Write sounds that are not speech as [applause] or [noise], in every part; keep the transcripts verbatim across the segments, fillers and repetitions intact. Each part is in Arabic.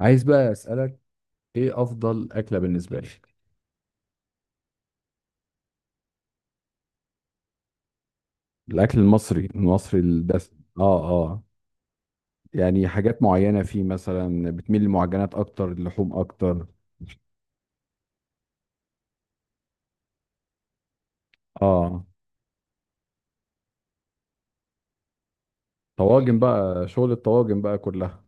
عايز بقى اسالك، ايه افضل اكله بالنسبه لك؟ الاكل المصري المصري الدسم، اه، اه. يعني حاجات معينه فيه، مثلا بتميل للمعجنات اكتر، اللحوم اكتر؟ اه. طواجن بقى، شغل الطواجن بقى كلها.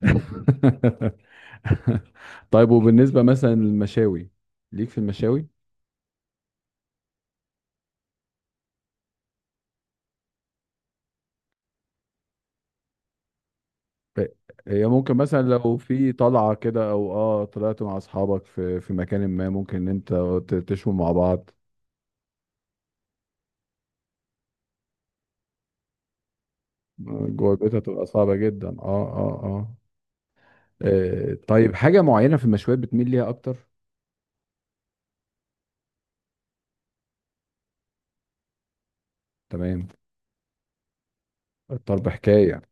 [laughs] طيب، وبالنسبه مثلا للمشاوي، ليك في المشاوي؟ إيه- هي ممكن مثلا لو في طلعه كده او اه طلعت مع اصحابك في في مكان ما، ممكن ان انت ت- تشوي مع بعض. جوه البيت هتبقى صعبة جدا، اه، اه، اه. آه، طيب حاجة معينة في المشويات بتميل ليها أكتر؟ تمام. الطرب حكاية.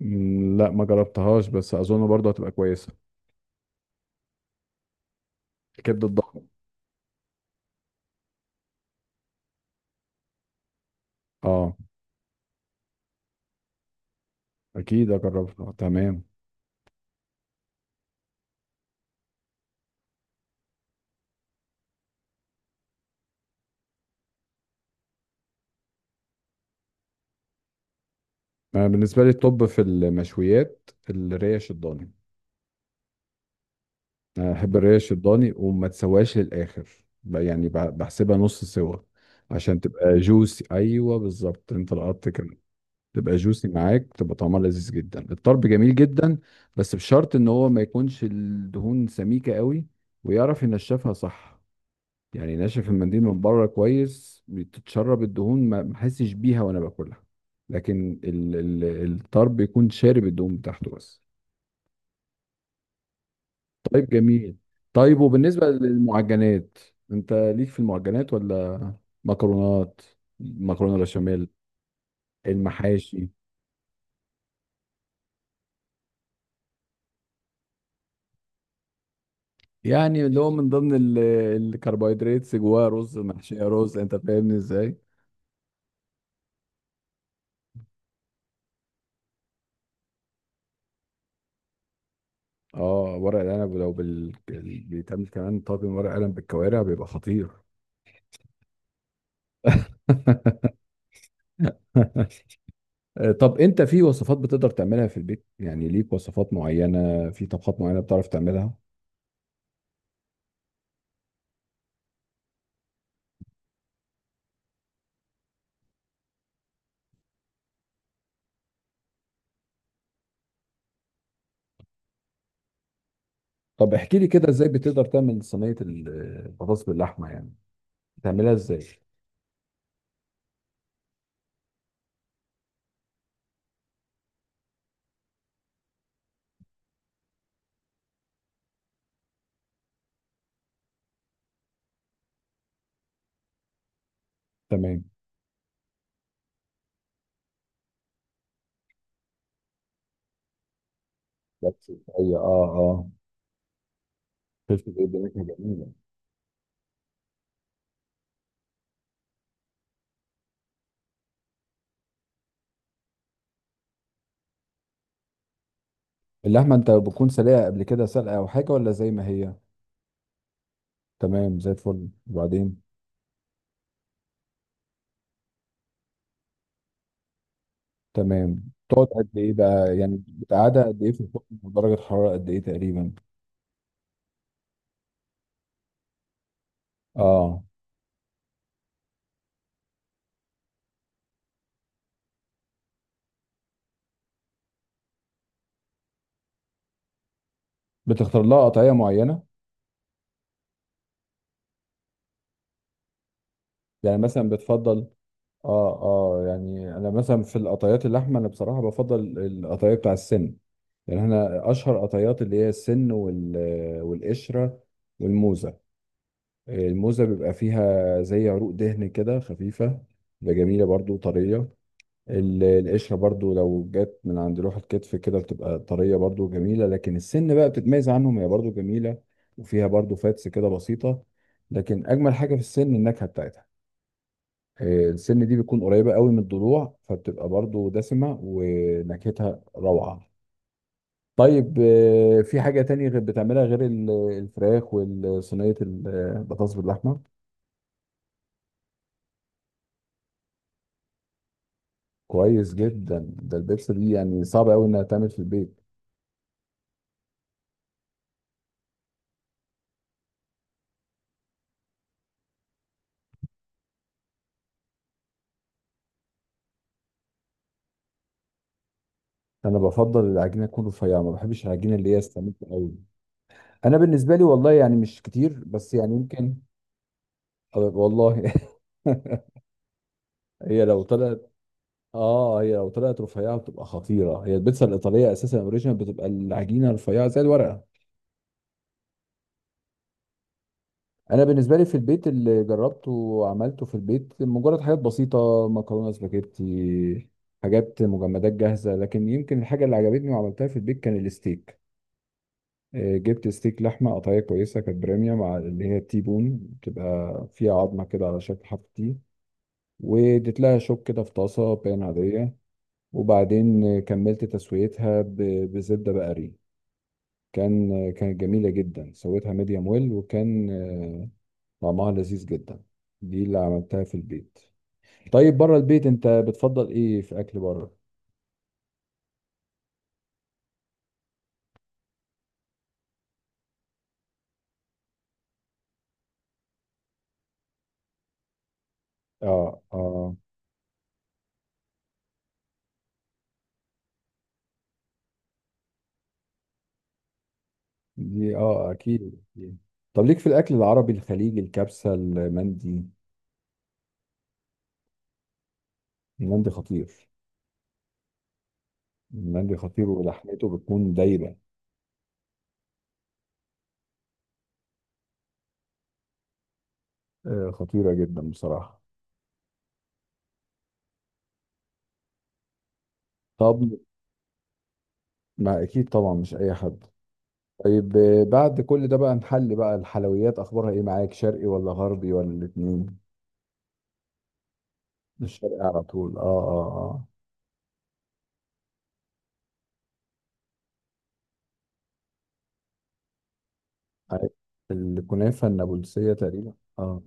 مم، لا، ما جربتهاش بس أظن برضه هتبقى كويسة. الكبدة الضخمة؟ اه. أكيد أجربها، تمام. أنا بالنسبة لي، الطب في المشويات الريش الضاني. أنا أحب الريش الضاني وما تسواش للآخر. ب- يعني ب- بحسبها نص سوا عشان تبقى جوسي. أيوه بالظبط، أنت لقطت كده. تبقى جوسي معاك، تبقى طعمها لذيذ جدا، الطرب جميل جدا. بس بشرط ان هو ما يكونش الدهون سميكة قوي، ويعرف ينشفها صح. يعني ناشف المنديل من بره كويس، بتتشرب الدهون ما ما احسش بيها وانا باكلها. لكن ال ال الطرب يكون شارب الدهون بتاعته بس. طيب، جميل. طيب وبالنسبة للمعجنات، انت ليك في المعجنات ولا مكرونات، مكرونة بشاميل، المحاشي؟ يعني اللي هو من ضمن ال- الكربوهيدرات، جواه رز، محشية رز، انت فاهمني ازاي. اه، ورق العنب لو بال... بال- بيتعمل كمان طاجن ورق عنب بالكوارع بيبقى خطير. [laughs] آه، طب انت في وصفات بتقدر تعملها في البيت؟ يعني ليك وصفات معينة في طبخات معينة بتعرف تعملها؟ طب احكي لي كده، ازاي بتقدر تعمل صينية ال- البطاطس باللحمة يعني؟ بتعملها ازاي؟ تمام. بس هي، اه، اه. فلفل ايه ده، نكهة جميلة. اللحمة انت بتكون سلقة قبل كده، سلقة او حاجة ولا زي ما هي؟ تمام زي الفل. وبعدين؟ تمام. تقعد قد ايه بقى، يعني بتقعدها قد ايه في الفرن ودرجة حرارة قد ايه تقريبا؟ اه. بتختار لها قطعية معينة؟ يعني مثلا بتفضل، اه اه يعني انا مثلا في القطعيات اللحمة، انا بصراحة بفضل القطعية بتاع السن. يعني احنا اشهر قطعيات اللي هي السن وال والقشرة والموزة. الموزة بيبقى فيها زي عروق دهن كده خفيفة، بتبقى جميلة برضو، طرية. ال- القشرة برضو لو جت من عند لوح الكتف كده بتبقى طرية برضو جميلة، لكن السن بقى بتتميز عنهم، هي برضو جميلة وفيها برضو فاتس كده بسيطة، لكن أجمل حاجة في السن النكهة بتاعتها. آه، السن دي بتكون قريبة قوي من الضلوع فبتبقى برضو دسمة ونكهتها روعة. طيب آه، في حاجة تانية غير بتعملها غير ال- الفراخ وصينية البطاطس باللحمة؟ كويس جدا، ده البيبسي دي يعني صعب قوي انها تعمل في البيت. انا بفضل العجينه تكون رفيعه، ما بحبش العجينه اللي هي سميكه قوي. انا بالنسبه لي والله يعني مش كتير، بس يعني يمكن. أه والله. [laughs] هي لو طلعت اه هي لو طلعت رفيعه بتبقى خطيره، هي البيتزا الايطاليه اساسا اوريجينال بتبقى العجينه رفيعه زي الورقه. انا بالنسبه لي في البيت، اللي جربته وعملته في البيت مجرد حاجات بسيطه، مكرونه سباجيتي، حاجات مجمدات جاهزه. لكن يمكن الحاجه اللي عجبتني وعملتها في البيت كان الستيك. آه، جبت ستيك لحمه قطعيه كويسه، كانت بريميوم، مع اللي هي التي بون، بتبقى فيها عظمه كده على شكل حرف تي. واديت لها شوك كده في طاسه بان عاديه، وبعدين آه، كملت تسويتها ب- بزبده بقري. كان آه، كانت جميله جدا، سويتها ميديوم ويل، وكان آه، طعمها لذيذ جدا. دي اللي عملتها في البيت. طيب بره البيت انت بتفضل ايه في اكل بره؟ اه، اه دي، اه اكيد. طب ليك في الاكل العربي الخليجي، الكبسه، المندي؟ المندي خطير. المندي خطير ولحمته بتكون دايبة. آه، خطيرة جدا بصراحة. طب ما أكيد طبعا، مش أي حد. طيب آه، بعد كل ده بقى، نحل بقى الحلويات، أخبارها إيه معاك؟ شرقي ولا غربي ولا الاتنين؟ الشرقي على طول، آه، آه. آه، عارف، الكنافة النابلسية تقريبا، آه.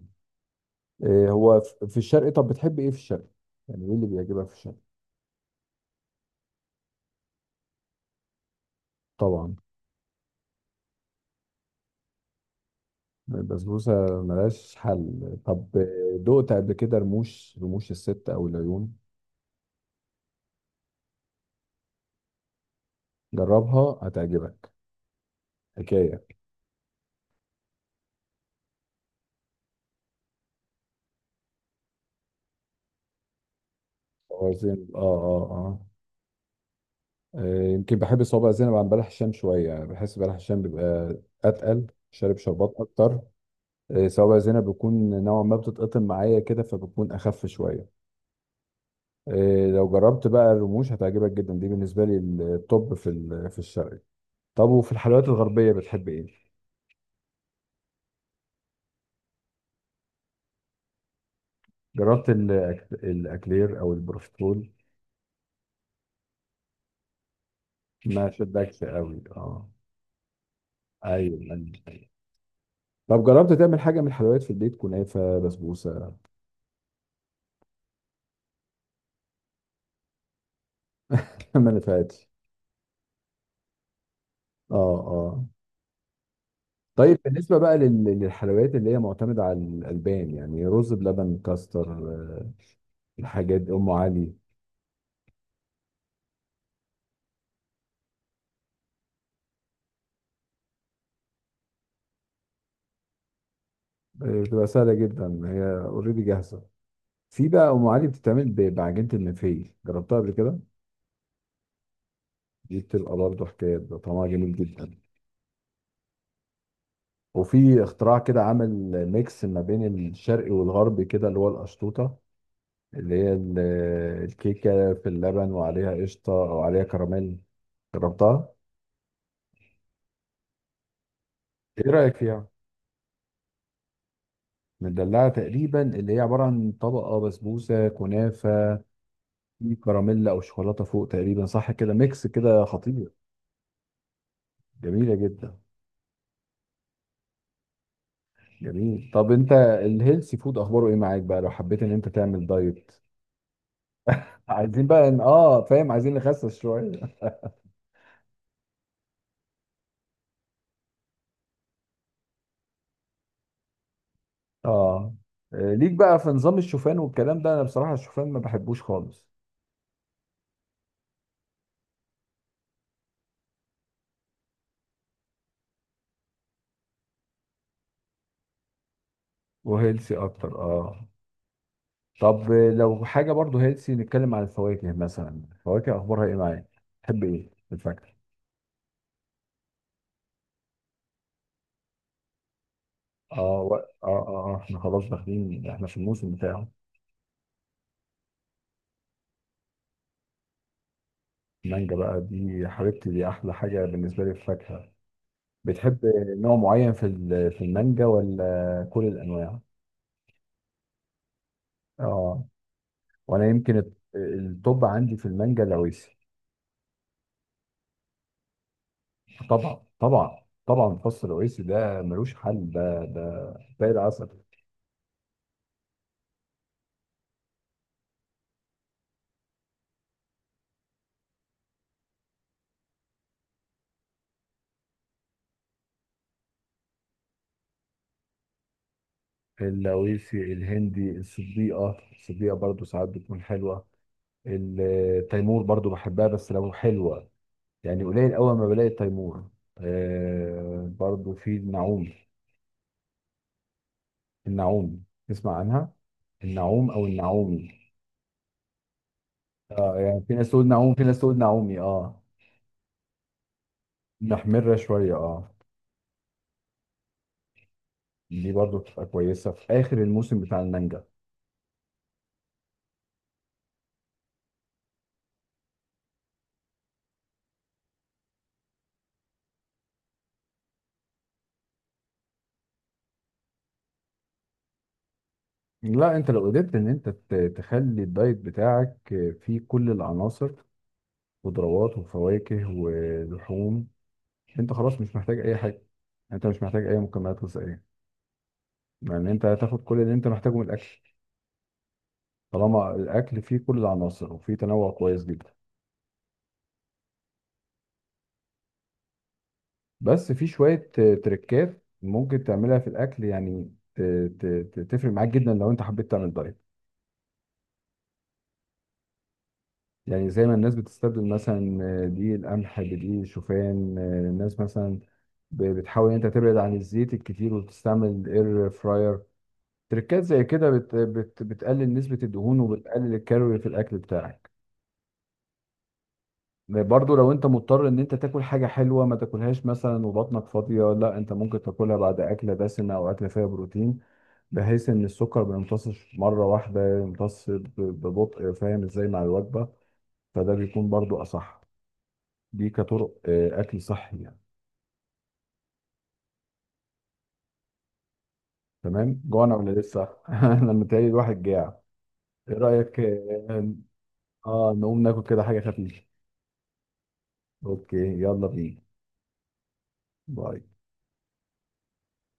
إيه هو ف- في الشرقي؟ طب بتحب إيه في الشرقي؟ يعني إيه اللي بيعجبك في الشرقي؟ طبعا. البسبوسة ملهاش حل. طب آه، دقت قبل كده رموش، رموش الست أو العيون؟ جربها هتعجبك، حكايه. صوابع زينب، اه، اه، اه. آه، يمكن بحب صوابع زينب عن بلح الشام شويه، بحس بلح الشام بيبقى اتقل، شارب شربات اكتر. آه، صوابع زينب بيكون نوعا ما بتتقطم معايا كده، فبتكون اخف شويه. آه، لو جربت بقى الرموش هتعجبك جدا، دي بالنسبه لي التوب في ال- في الشرقي. طب وفي الحلويات الغربيه بتحب ايه؟ جربت الأك- الاكلير او البروفيترول؟ ما شدكش قوي، اه. ايوه. طب جربت تعمل حاجة من الحلويات في البيت؟ كنافة، بسبوسة؟ [laughs] منفعتش. اه، اه. طيب بالنسبة بقى لل- للحلويات اللي هي معتمدة على الألبان، يعني رز بلبن، كاستر آه، الحاجات دي، أم علي. آه، بتبقى سهلة جدا، هي اوريدي جاهزة. في بقى أم علي بتتعمل ب- بعجينة المنفيل، جربتها قبل كده؟ دي بتبقى برضه حكاية، بيبقى طعمها جميل جدا. وفي اختراع كده عمل ميكس ما بين الشرقي والغربي كده، اللي هو القشطوطة، اللي هي ال- الكيكة في اللبن وعليها قشطة أو عليها كراميل. جربتها؟ إيه رأيك فيها؟ مدلعة تقريبا اللي هي عبارة عن طبقة بسبوسة كنافة، في كراميل أو شوكولاتة فوق، تقريبا صح كده، ميكس كده خطير. جميلة جدا. جميل. طب أنت الهيلثي فود أخباره إيه معاك بقى، لو حبيت إن أنت تعمل دايت؟ عايزين بقى إن- آه فاهم، عايزين نخسس شوية. آه، آه، ليك بقى في نظام الشوفان والكلام ده؟ أنا بصراحة الشوفان ما بحبوش خالص. وهيلثي أكتر، آه. طب لو حاجة برضو هيلسي، نتكلم عن الفواكه مثلا، الفواكه أخبارها إيه معاك؟ تحب إيه في الفاكهة؟ آه, و... آه, آه آه، إحنا خلاص داخلين إحنا في الموسم بتاعه. المانجا بقى دي حبيبتي، دي أحلى حاجة بالنسبة لي في الفاكهة. بتحب نوع معين في ال- في المانجا ولا كل الأنواع؟ آه، وأنا يمكن الت- التوب عندي في المانجا العويسي. طبعا طبعا طبعا، فص العويسي ده ملوش حل، ده ده زي العسل. اللويسي، الهندي، الصديقة الصديقة برضو ساعات بتكون حلوة. التيمور برضو بحبها بس لو حلوة، يعني قليل أول ما بلاقي التيمور. آه، برضو في النعومي. النعومي، تسمع عنها؟ النعوم أو النعومي. آه، يعني في ناس تقول نعوم في ناس تقول نعومي، اه. محمرة شوية، اه. دي برضو بتبقى كويسة في آخر الموسم بتاع المانجا. لا، انت لو قدرت ان انت ت- تخلي الدايت بتاعك فيه كل العناصر، خضروات وفواكه ولحوم، انت خلاص مش محتاج اي حاجه، انت مش محتاج اي مكملات غذائيه. يعني انت هتاخد كل اللي انت محتاجه من الاكل، طالما الاكل فيه كل العناصر وفيه تنوع كويس جدا. بس في شويه آه، تريكات ممكن تعملها في الاكل يعني ت- ت- ت- تفرق معاك جدا لو انت حبيت تعمل دايت. يعني زي ما الناس بتستبدل مثلا آه، دي القمح بدي شوفان. آه، الناس مثلا ب- بتحاول ان انت تبعد عن الزيت الكتير وتستعمل الاير فراير. تريكات زي كده بت... بت... بتقلل نسبة الدهون وبتقلل الكالوري في الأكل بتاعك. برضو لو انت مضطر ان انت تاكل حاجة حلوة، ما تاكلهاش مثلا وبطنك فاضية، لا انت ممكن تاكلها بعد أكلة دسمة أو أكلة فيها بروتين، بحيث ان السكر ما يمتصش مرة واحدة، يمتص ب- ببطء، فاهم ازاي، مع الوجبة. فده بيكون برضو أصح. دي كطرق آه، أكل صحي يعني. تمام، جوعنا ولا لسه؟ [laughs] أنا متهيألي الواحد جاع. ايه رأيك؟ اه. آه، نقوم ناكل كده حاجة خفيفة. اوكي، يلا بينا. باي.